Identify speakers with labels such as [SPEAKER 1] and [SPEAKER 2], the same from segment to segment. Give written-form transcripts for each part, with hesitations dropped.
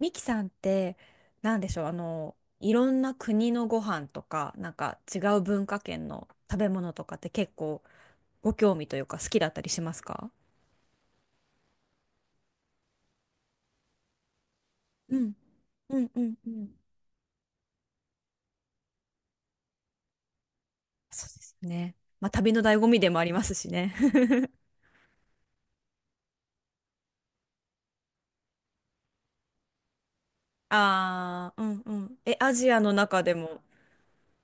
[SPEAKER 1] ミキさんって、なんでしょう、いろんな国のご飯とか、なんか違う文化圏の食べ物とかって結構ご興味というか好きだったりしますか？うん、うん、うん、うん。そうですね。まあ、旅の醍醐味でもありますしね。ああ、うんうん。え、アジアの中でも、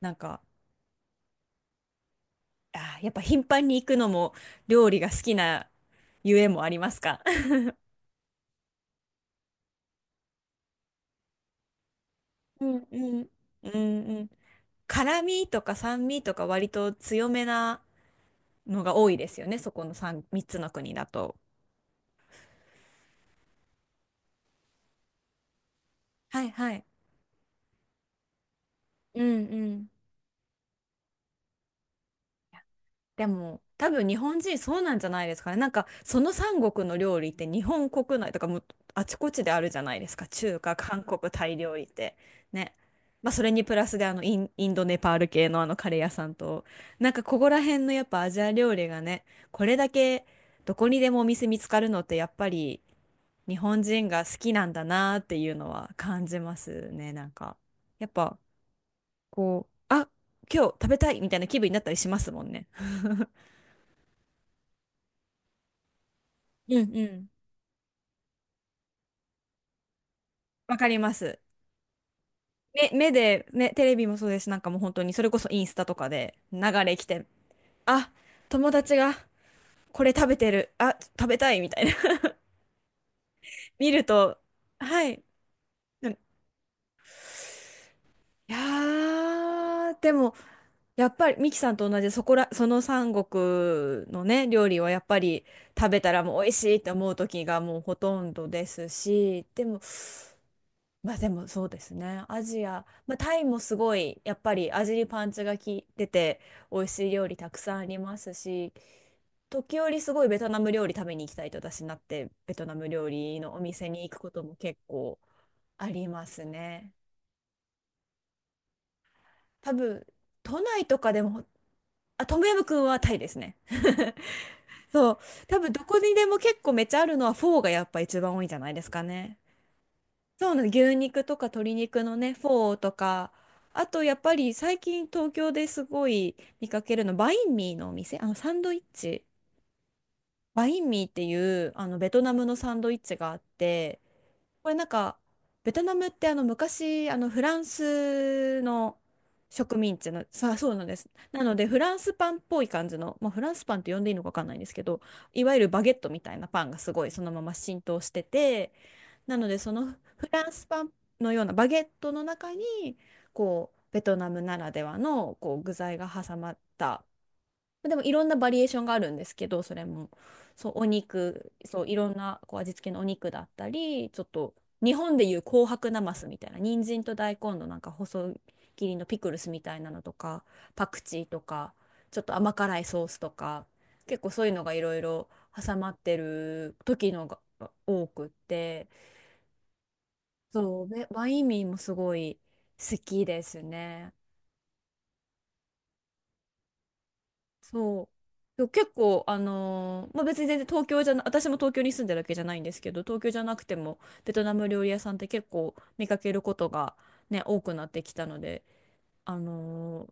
[SPEAKER 1] なんか、あー、やっぱ頻繁に行くのも料理が好きなゆえもありますか？うんうん。うんうん。辛味とか酸味とか割と強めなのが多いですよね、そこの 3つの国だと。はいはい。うんうん。でも多分日本人そうなんじゃないですかね。なんかその三国の料理って日本国内とかもあちこちであるじゃないですか。中華、韓国、タイ料理って。ね。まあそれにプラスでインドネパール系のカレー屋さんと、なんかここら辺のやっぱアジア料理がね、これだけどこにでもお店見つかるのってやっぱり日本人が好きなんだなっていうのは感じますね。なんかやっぱこう、あ、今日食べたいみたいな気分になったりしますもんね。うんうん。わかります。目で、ね、テレビもそうですし、なんかもう本当に、それこそインスタとかで流れ来て、あ、友達がこれ食べてる、あ、食べたいみたいな 見ると、はい。いやー、でも、やっぱりミキさんと同じ、そこら、その三国のね、料理はやっぱり食べたらもう美味しいって思う時がもうほとんどですし、でも、まあでもそうですね。アジア、まあ、タイもすごい、やっぱり味にパンチが効いてて、美味しい料理たくさんありますし、時折すごいベトナム料理食べに行きたいと私になって、ベトナム料理のお店に行くことも結構ありますね。多分、都内とかでも、あ、トムヤムくんはタイですね。そう。多分どこにでも結構めっちゃあるのはフォーがやっぱ一番多いんじゃないですかね。そうなの、牛肉とか鶏肉のね、フォーとか、あとやっぱり最近東京ですごい見かけるの、バインミーのお店、あのサンドイッチ、バインミーっていうベトナムのサンドイッチがあって、これなんか、ベトナムって昔、フランスの植民地の、さ、そうなんです。なのでフランスパンっぽい感じの、まあ、フランスパンって呼んでいいのかわかんないんですけど、いわゆるバゲットみたいなパンがすごいそのまま浸透してて、なのでそのフランスパンのようなバゲットの中にこうベトナムならではのこう具材が挟まった、でもいろんなバリエーションがあるんですけど、それもそうお肉、そういろんなこう味付けのお肉だったり、ちょっと日本でいう紅白なますみたいな人参と大根のなんか細切りのピクルスみたいなのとか、パクチーとか、ちょっと甘辛いソースとか、結構そういうのがいろいろ挟まってる時のが多くって。そう、バインミーもすごい好きですね。そう。で結構、まあ、別に全然東京じゃな、私も東京に住んでるわけじゃないんですけど、東京じゃなくてもベトナム料理屋さんって結構見かけることがね、多くなってきたので、あのー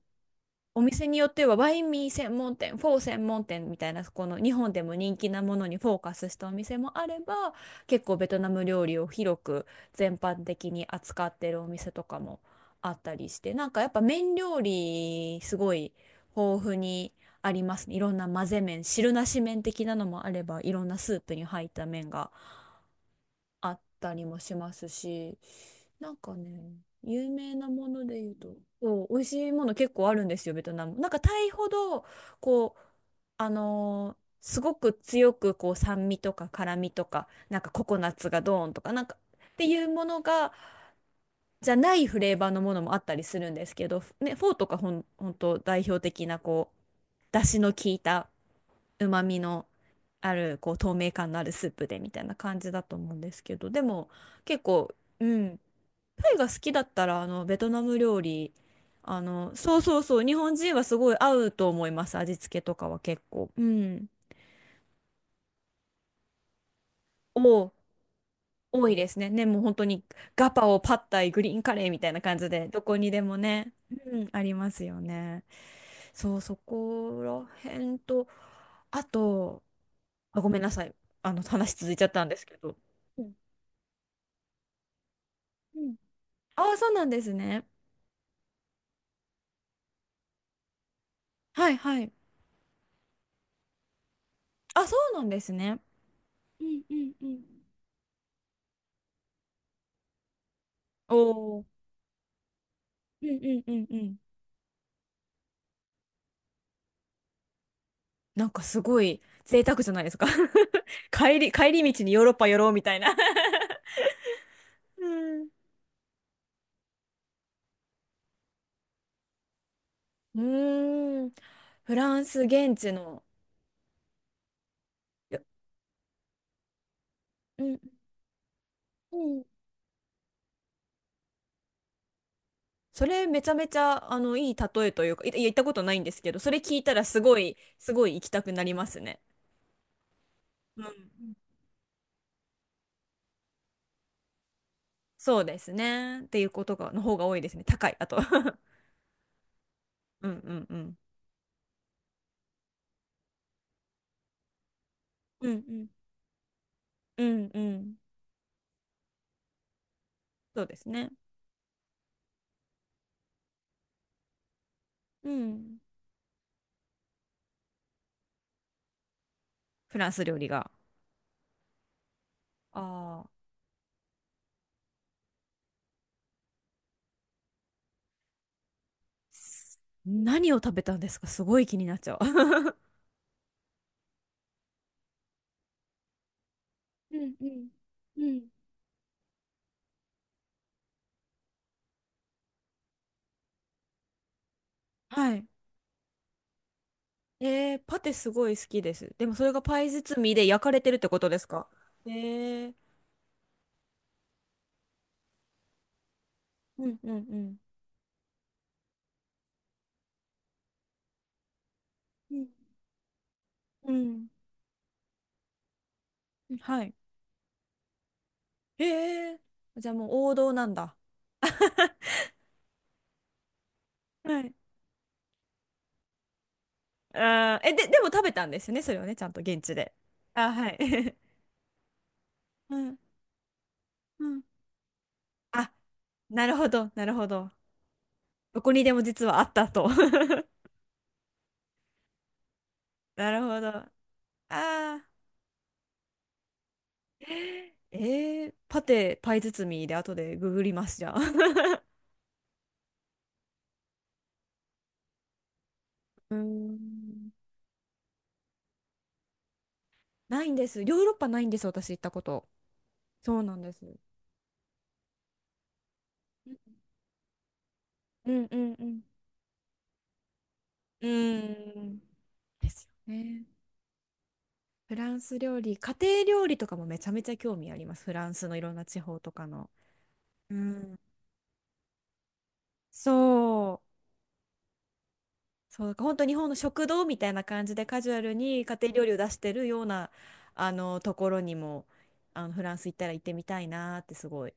[SPEAKER 1] お店によってはワインミー専門店、フォー専門店みたいな、この日本でも人気なものにフォーカスしたお店もあれば、結構ベトナム料理を広く全般的に扱ってるお店とかもあったりして、なんかやっぱ麺料理すごい豊富にありますね。いろんな混ぜ麺、汁なし麺的なのもあれば、いろんなスープに入った麺があったりもしますし、なんかね、有名なもので言うと、そう、美味しいもの結構あるんですよ、ベトナム。なんかタイほど、こう、すごく強くこう酸味とか辛味とか、なんかココナッツがドーンとか、なんかっていうものが、じゃないフレーバーのものもあったりするんですけど、ね、フォーとかほんと代表的なこう、出汁の効いた、うまみのある、こう透明感のあるスープでみたいな感じだと思うんですけど、でも結構、うん、タイが好きだったらあのベトナム料理、あのそうそうそう、日本人はすごい合うと思います、味付けとかは結構。うん。お、多いですね、ね、もう本当に。ガパオ、パッタイ、グリーンカレーみたいな感じでどこにでもね、うん、ありますよね。そうそこら辺と、あと、あ、ごめんなさい。あの、話続いちゃったんですけど。うんうん。ああ、そうなんですね。はいはい。あ、そうなんですね。うんうんうん。おお。うんうんうんうん。なんかすごい贅沢じゃないですか？ 帰り道にヨーロッパ寄ろうみたいな。うん。うーん。フランス現地の。いや。うんうん。それめちゃめちゃあのいい例えというか、いや行ったことないんですけど、それ聞いたらすごい行きたくなりますね。うん。そうですね。っていうことが、の方が多いですね。高い。あと うんうんうん。うんうんうんうん。そうですね。うん。フランス料理が。ああ、何を食べたんですか？すごい気になっちゃう。 うんうんうん。はい。えー、パテすごい好きです。でもそれがパイ包みで焼かれてるってことですか？えー、うんうんうん。うんうん。はい。えー、じゃあもう王道なんだ。はい。あー、え、でも食べたんですよね、それをね、ちゃんと現地で。あ、はい。うん、うん。あ、なるほど、なるほど。どこにでも実はあったと。なるほど。ああ、えー、パテ、パイ包みで後でググります、じゃあ。うーん。ないんです。ヨーロッパないんです、私行ったこと。そうなんです。うんうんうん。うーん。ですよね。フランス料理、家庭料理とかもめちゃめちゃ興味あります。フランスのいろんな地方とかの。うん。そう、そう、なんか本当日本の食堂みたいな感じでカジュアルに家庭料理を出してるようなあのところにも、あのフランス行ったら行ってみたいなってすごい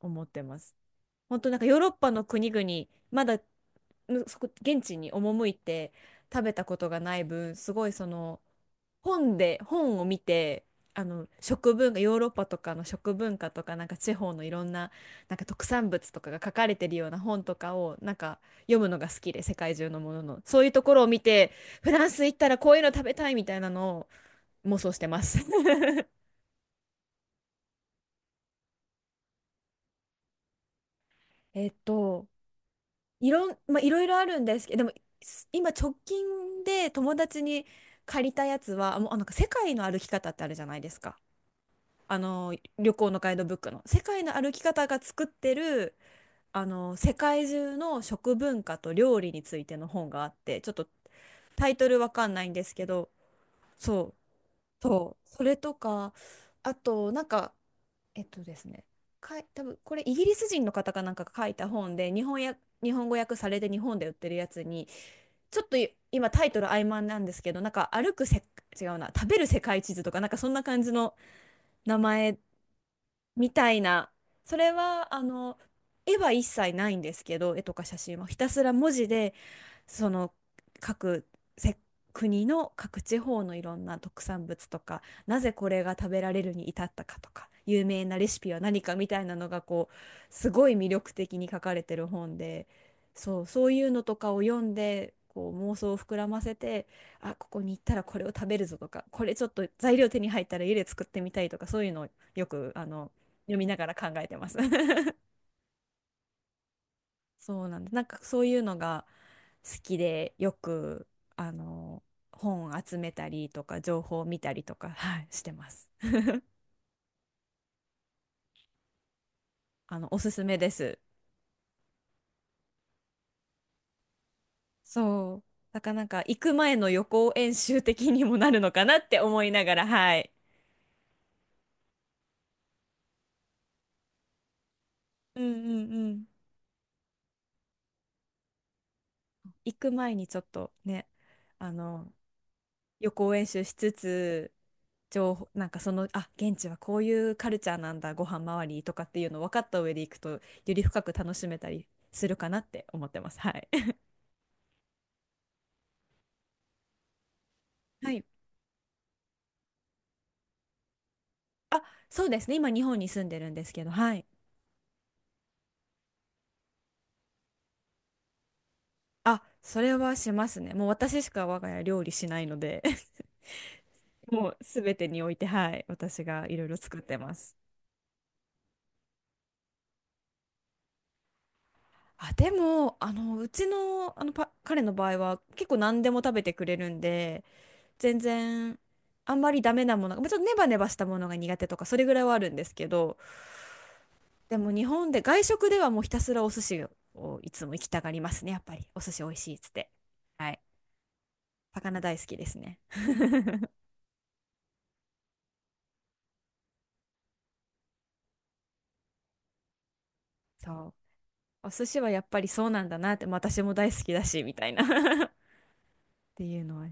[SPEAKER 1] 思ってます。本当なんかヨーロッパの国々、まだ、そこ現地に赴いて食べたことがない分、すごいその、本を見て、あの食文化、ヨーロッパとかの食文化とか、なんか地方のいろんな、なんか特産物とかが書かれてるような本とかをなんか読むのが好きで、世界中のもののそういうところを見て、フランス行ったらこういうの食べたいみたいなのを妄想してます。えっと、いろん、まあ、いろいろあるんですけど、でも、今直近で友達に借りたやつは、もうあなんか世界の歩き方ってあるじゃないですか。あの、旅行のガイドブックの。世界の歩き方が作ってる、世界中の食文化と料理についての本があって、ちょっとタイトルわかんないんですけど、そう、そう、それとか、あと、なんか、えっとですね、かい、多分これイギリス人の方かなんかが書いた本で、日本や、日本語訳されて日本で売ってるやつに、ちょっと今タイトル曖昧なんですけどなんか歩くせ違うな、食べる世界地図とかなんかそんな感じの名前みたいな。それは絵は一切ないんですけど、絵とか写真はひたすら文字で、その各せ国の各地方のいろんな特産物とか、なぜこれが食べられるに至ったかとか、有名なレシピは何かみたいなのがこうすごい魅力的に書かれてる本で、そう、そういうのとかを読んでこう妄想を膨らませて、あ、ここに行ったらこれを食べるぞとか、これちょっと材料手に入ったら家で作ってみたいとか、そういうのをよく読みながら考えてます。そうなんです。なんかそういうのが好きでよくあの本集めたりとか情報を見たりとか、はい、してます。あのおすすめです。そう。だからなんか行く前の予行演習的にもなるのかなって思いながら、はい。うんうんうん。行く前にちょっとね、あの予行演習しつつ情報、なんかその現地はこういうカルチャーなんだ、ご飯周りとかっていうのを分かった上で行くとより深く楽しめたりするかなって思ってます。はい。はい。あ、そうですね。今日本に住んでるんですけど、はい。あ、それはしますね。もう私しか我が家料理しないので、 もう全てにおいて、はい、私がいろいろ作ってます。あ、でも、あの、うちの、あのパ、彼の場合は結構何でも食べてくれるんで、全然あんまりダメなものが、まあちょっとネバネバしたものが苦手とかそれぐらいはあるんですけど、でも日本で外食ではもうひたすらお寿司をいつも行きたがりますね、やっぱり。お寿司美味しいっつって。はい。魚大好きですね。そう。お寿司はやっぱりそうなんだなって、まあ私も大好きだし、みたいな っていうのは。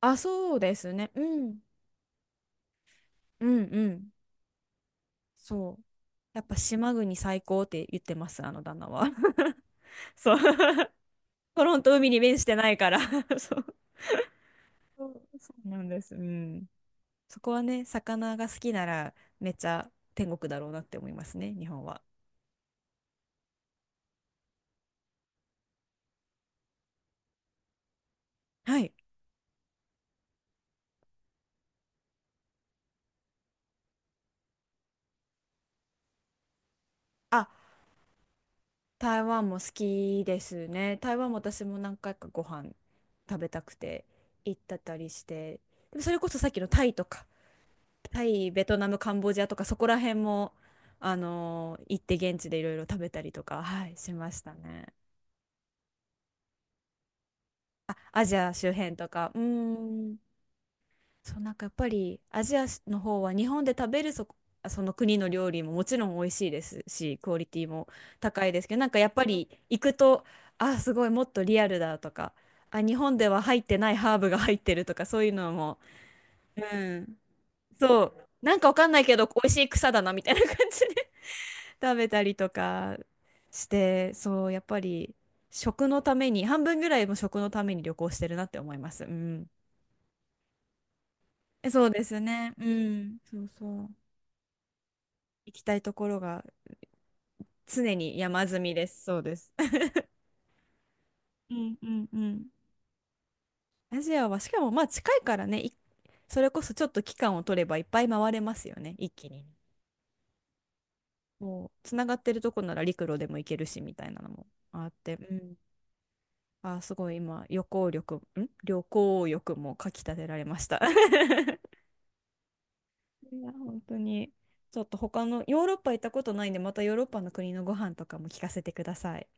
[SPEAKER 1] あ、そうですね。うん。うんうん。そう。やっぱ島国最高って言ってます、あの旦那は。そう。トロント海に面してないから。 そう。そうそうなんです。うん。そこはね、魚が好きならめっちゃ天国だろうなって思いますね、日本は。はい。あ、台湾も好きですね。台湾も私も何回かご飯食べたくて行ったたりして。でもそれこそさっきのタイとか、タイ、ベトナム、カンボジアとかそこら辺も、行って現地でいろいろ食べたりとか、はい、しましたね。あ、アジア周辺とか、うん。そう、なんかやっぱりアジアの方は日本で食べるその国の料理ももちろん美味しいですし、クオリティも高いですけど、なんかやっぱり行くと、あ、すごいもっとリアルだとか、あ、日本では入ってないハーブが入ってるとか、そういうのも、うん、そう、なんかわかんないけど、美味しい草だなみたいな感じで 食べたりとかして、そう、やっぱり食のために、半分ぐらいも食のために旅行してるなって思います。うん。そうですね。うん。そうそう。行きたいところが常に山積みです。そうです。うんうんうん。アジアは、しかもまあ近いからね、それこそちょっと期間を取ればいっぱい回れますよね、一気に。もう、つながってるとこなら陸路でも行けるし、みたいなのもあって、うん。あー、すごい今、旅行欲もかきたてられました。いや、本当に。ちょっと他の、ヨーロッパ行ったことないんで、またヨーロッパの国のご飯とかも聞かせてください。